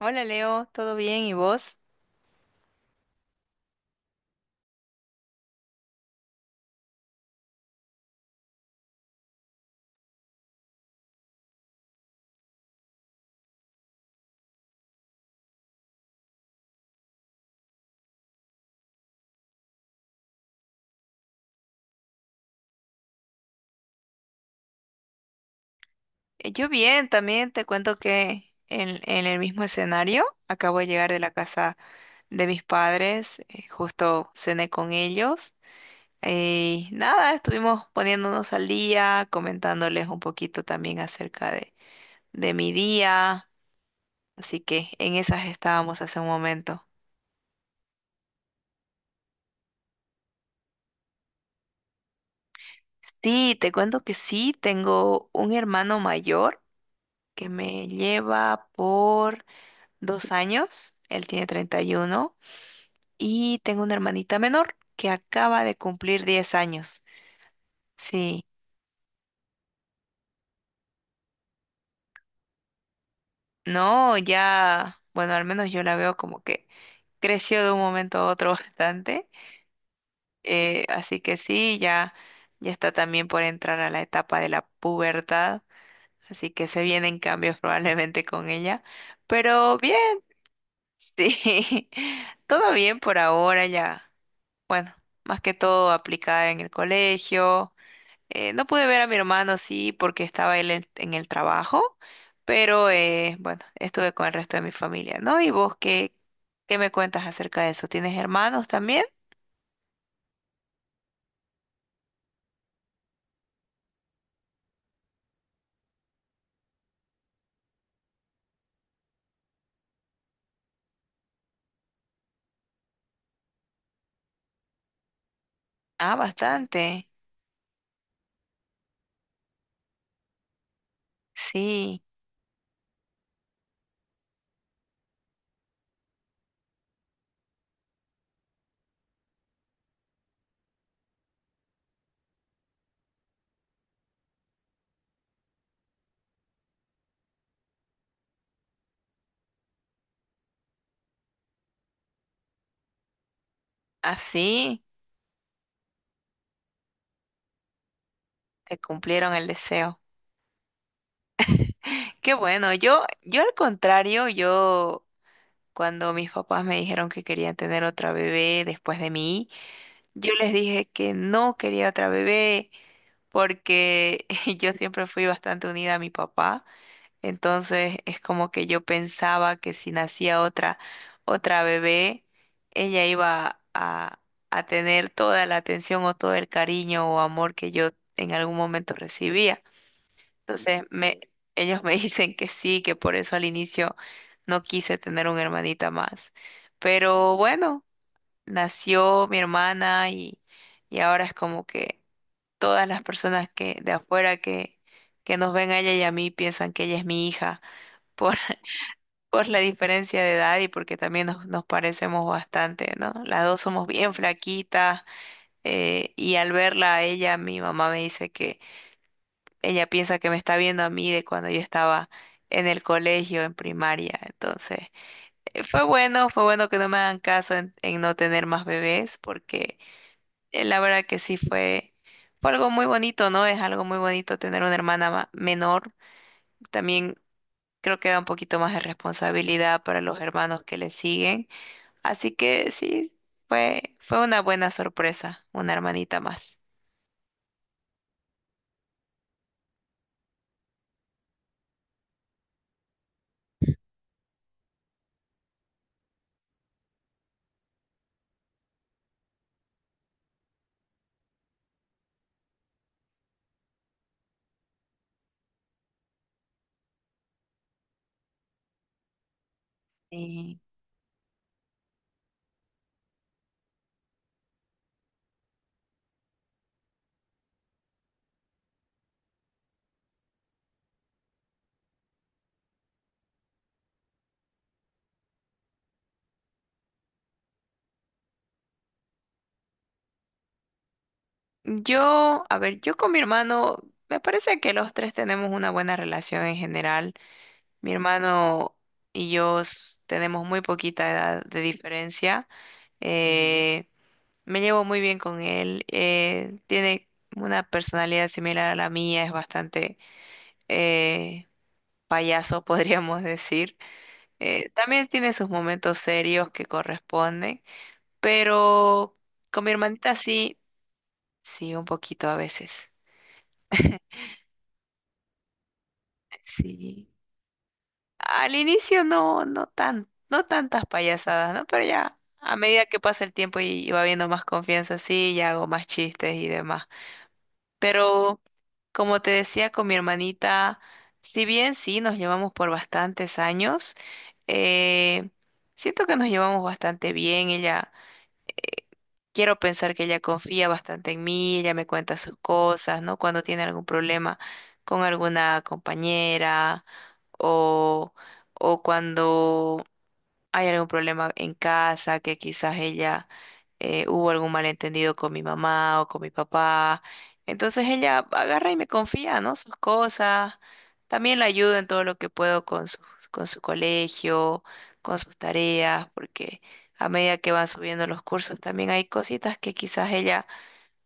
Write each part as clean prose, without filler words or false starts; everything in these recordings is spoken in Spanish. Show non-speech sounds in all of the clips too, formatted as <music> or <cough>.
Hola Leo, ¿todo bien? ¿Y vos? Yo bien, también te cuento que en el mismo escenario acabo de llegar de la casa de mis padres. Justo cené con ellos y nada, estuvimos poniéndonos al día, comentándoles un poquito también de mi día, así que en esas estábamos hace un momento. Sí, te cuento que sí, tengo un hermano mayor que me lleva por 2 años, él tiene 31. Y tengo una hermanita menor que acaba de cumplir 10 años. Sí, no, ya, bueno, al menos yo la veo como que creció de un momento a otro <laughs> bastante. Así que sí, ya está también por entrar a la etapa de la pubertad. Así que se vienen cambios <laughs> probablemente con ella. Pero bien, sí, <laughs> todo bien por ahora ya. Bueno, más que todo aplicada en el colegio. No pude ver a mi hermano, sí, porque estaba él en el trabajo, pero bueno, estuve con el resto de mi familia, ¿no? ¿Y vos qué me cuentas acerca de eso? ¿Tienes hermanos también? Ah, bastante. Sí, así te cumplieron el deseo. Qué bueno, yo al contrario, yo cuando mis papás me dijeron que querían tener otra bebé después de mí, yo les dije que no quería otra bebé porque <laughs> yo siempre fui bastante unida a mi papá. Entonces es como que yo pensaba que si nacía otra bebé, ella iba a tener toda la atención o todo el cariño o amor que yo en algún momento recibía. Entonces me, Ellos me <laughs> dicen que sí, que por eso al inicio no quise tener una hermanita más. Pero bueno, nació mi hermana y ahora es como que todas las personas que de afuera que nos ven a ella y a mí piensan que ella es mi hija. <laughs> por por la diferencia de edad y porque también nos parecemos bastante, ¿no? Las dos somos bien flaquitas. Y al verla a ella, mi mamá me dice que ella piensa que me está viendo a mí de cuando yo estaba en el colegio, en primaria. Entonces, fue bueno que no me hagan caso en no tener más bebés porque la verdad que sí fue algo muy bonito, ¿no? Es algo muy bonito tener una hermana menor. También creo que da un poquito más de responsabilidad para los hermanos que le siguen. Así que sí, fue una buena sorpresa, una hermanita más. Sí. Yo me parece que los tres tenemos una buena relación en general. Mi hermano y yo tenemos muy poquita edad de diferencia. Eh, Me llevo muy bien con él. Tiene una personalidad similar a la mía, es bastante eh, payaso, <laughs> podríamos decir. También tiene sus momentos serios que corresponden. Pero con mi hermanita sí, sí, un poquito a veces. <laughs> Sí. Al inicio no, no tantas payasadas, ¿no? Pero ya a medida que pasa el tiempo y va habiendo más confianza, sí, ya hago más chistes y demás. Pero como te decía con mi hermanita, si bien sí nos llevamos por bastantes años, eh, siento que nos llevamos bastante bien. Ella Quiero pensar que ella confía bastante en mí, ella me cuenta sus cosas, ¿no? Cuando tiene algún problema con alguna compañera o, o cuando hay algún problema en casa, que quizás ella hubo algún malentendido con mi mamá o con mi papá. Entonces ella agarra y me confía, ¿no? Sus cosas. También la ayudo en todo lo que puedo con su colegio, con sus tareas, porque a medida que van subiendo los cursos, también hay cositas que quizás ella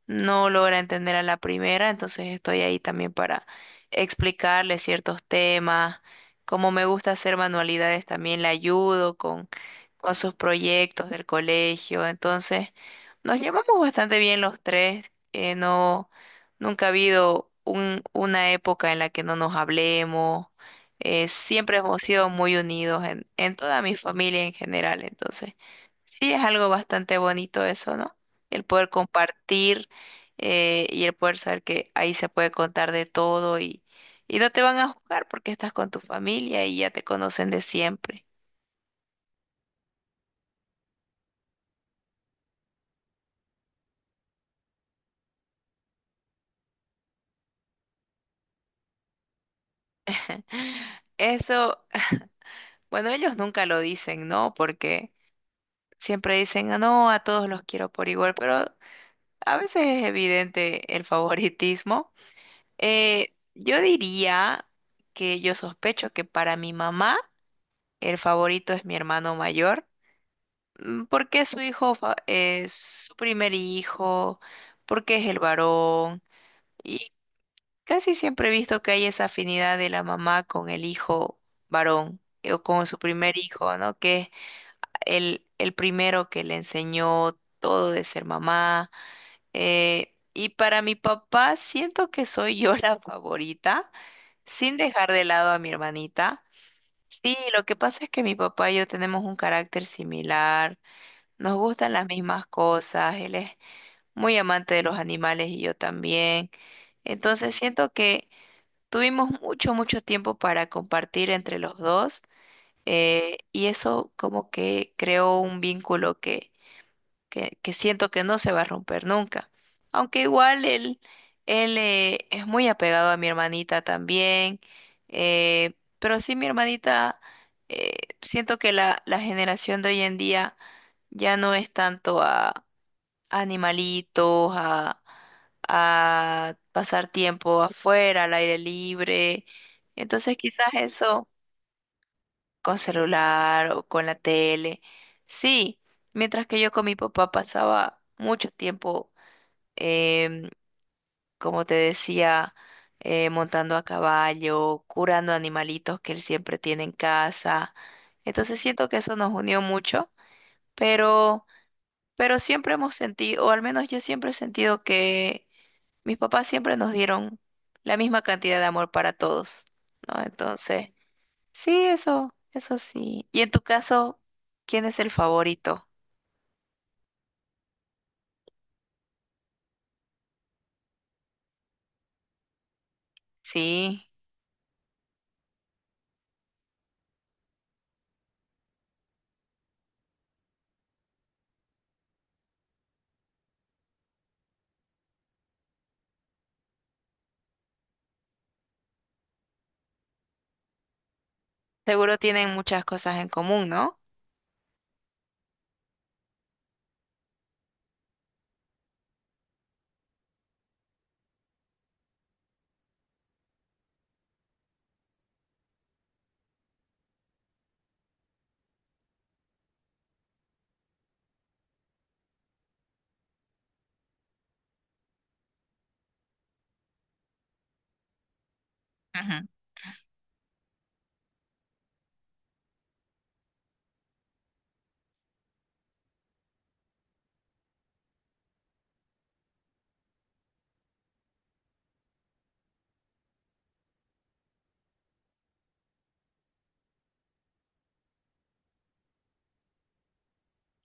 no logra entender a la primera, entonces estoy ahí también para explicarle ciertos temas. Como me gusta hacer manualidades, también la ayudo con sus proyectos del colegio. Entonces, nos llevamos bastante bien los tres. eh, no, Nunca ha habido una época en la que no nos hablemos. Siempre hemos sido muy unidos en toda mi familia en general. Entonces, sí, es algo bastante bonito eso, ¿no? El poder compartir y el poder saber que ahí se puede contar de todo y no te van a juzgar porque estás con tu familia y ya te conocen de siempre. Eso, <laughs> bueno, ellos nunca lo dicen, ¿no? Porque siempre dicen, "Ah, no, a todos los quiero por igual", pero a veces es evidente el favoritismo. Eh, yo diría yo sospecho que para mi mamá el favorito es mi hermano mayor. Mm, ¿por qué su hijo es su primer hijo? ¿Por qué es el varón? Y casi siempre he visto que hay esa afinidad de la mamá con el hijo varón, o con su primer hijo, ¿no? Que es el primero que le enseñó todo de ser mamá. Y para mi papá siento que soy yo <laughs> la favorita, sin dejar de lado a mi hermanita. Sí, lo que pasa es que mi papá y yo tenemos un carácter similar. Nos gustan las mismas cosas, él es muy amante de los animales y yo también. Entonces siento que tuvimos mucho tiempo para compartir entre los dos, y eso como que creó un vínculo que siento que no se va a romper nunca. Aunque él es muy apegado a mi hermanita también, pero sí, eh, siento que la generación de hoy en día ya no es tanto a animalitos, a pasar tiempo afuera, al aire libre. Entonces quizás eso con celular o con la tele. Sí, mientras que yo con mi papá pasaba mucho tiempo, em, como te decía, montando a caballo, curando animalitos que él siempre tiene en casa. Entonces siento que eso nos unió mucho, pero, pero siempre hemos sentido, o al menos yo siempre he sentido que mis papás siempre nos dieron la misma cantidad de amor para todos, ¿no? Entonces, sí, eso sí. Y en tu caso, ¿quién es el favorito? Sí, seguro tienen muchas cosas en común, ¿no? Ujú.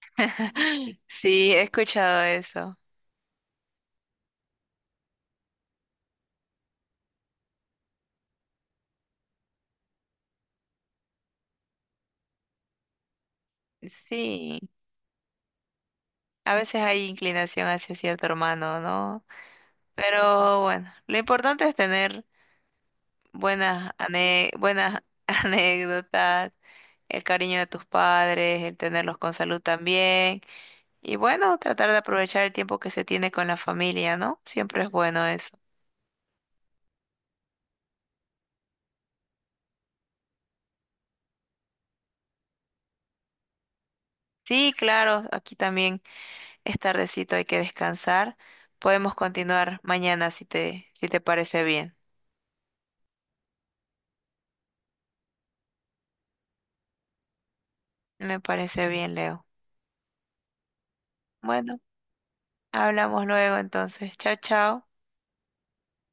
<laughs> Sí, he escuchado eso. Sí, a veces hay inclinación hacia cierto hermano, ¿no? Pero bueno, lo importante es tener buenas <laughs> anécdotas, el cariño de tus padres, el tenerlos con salud también. Y bueno, tratar de aprovechar el tiempo que se tiene con la familia, ¿no? Siempre es bueno eso. Sí, claro, aquí también es tardecito, hay que descansar. Podemos continuar mañana si te parece bien. Me parece bien, Leo. Bueno, hablamos luego entonces. Chao, chao.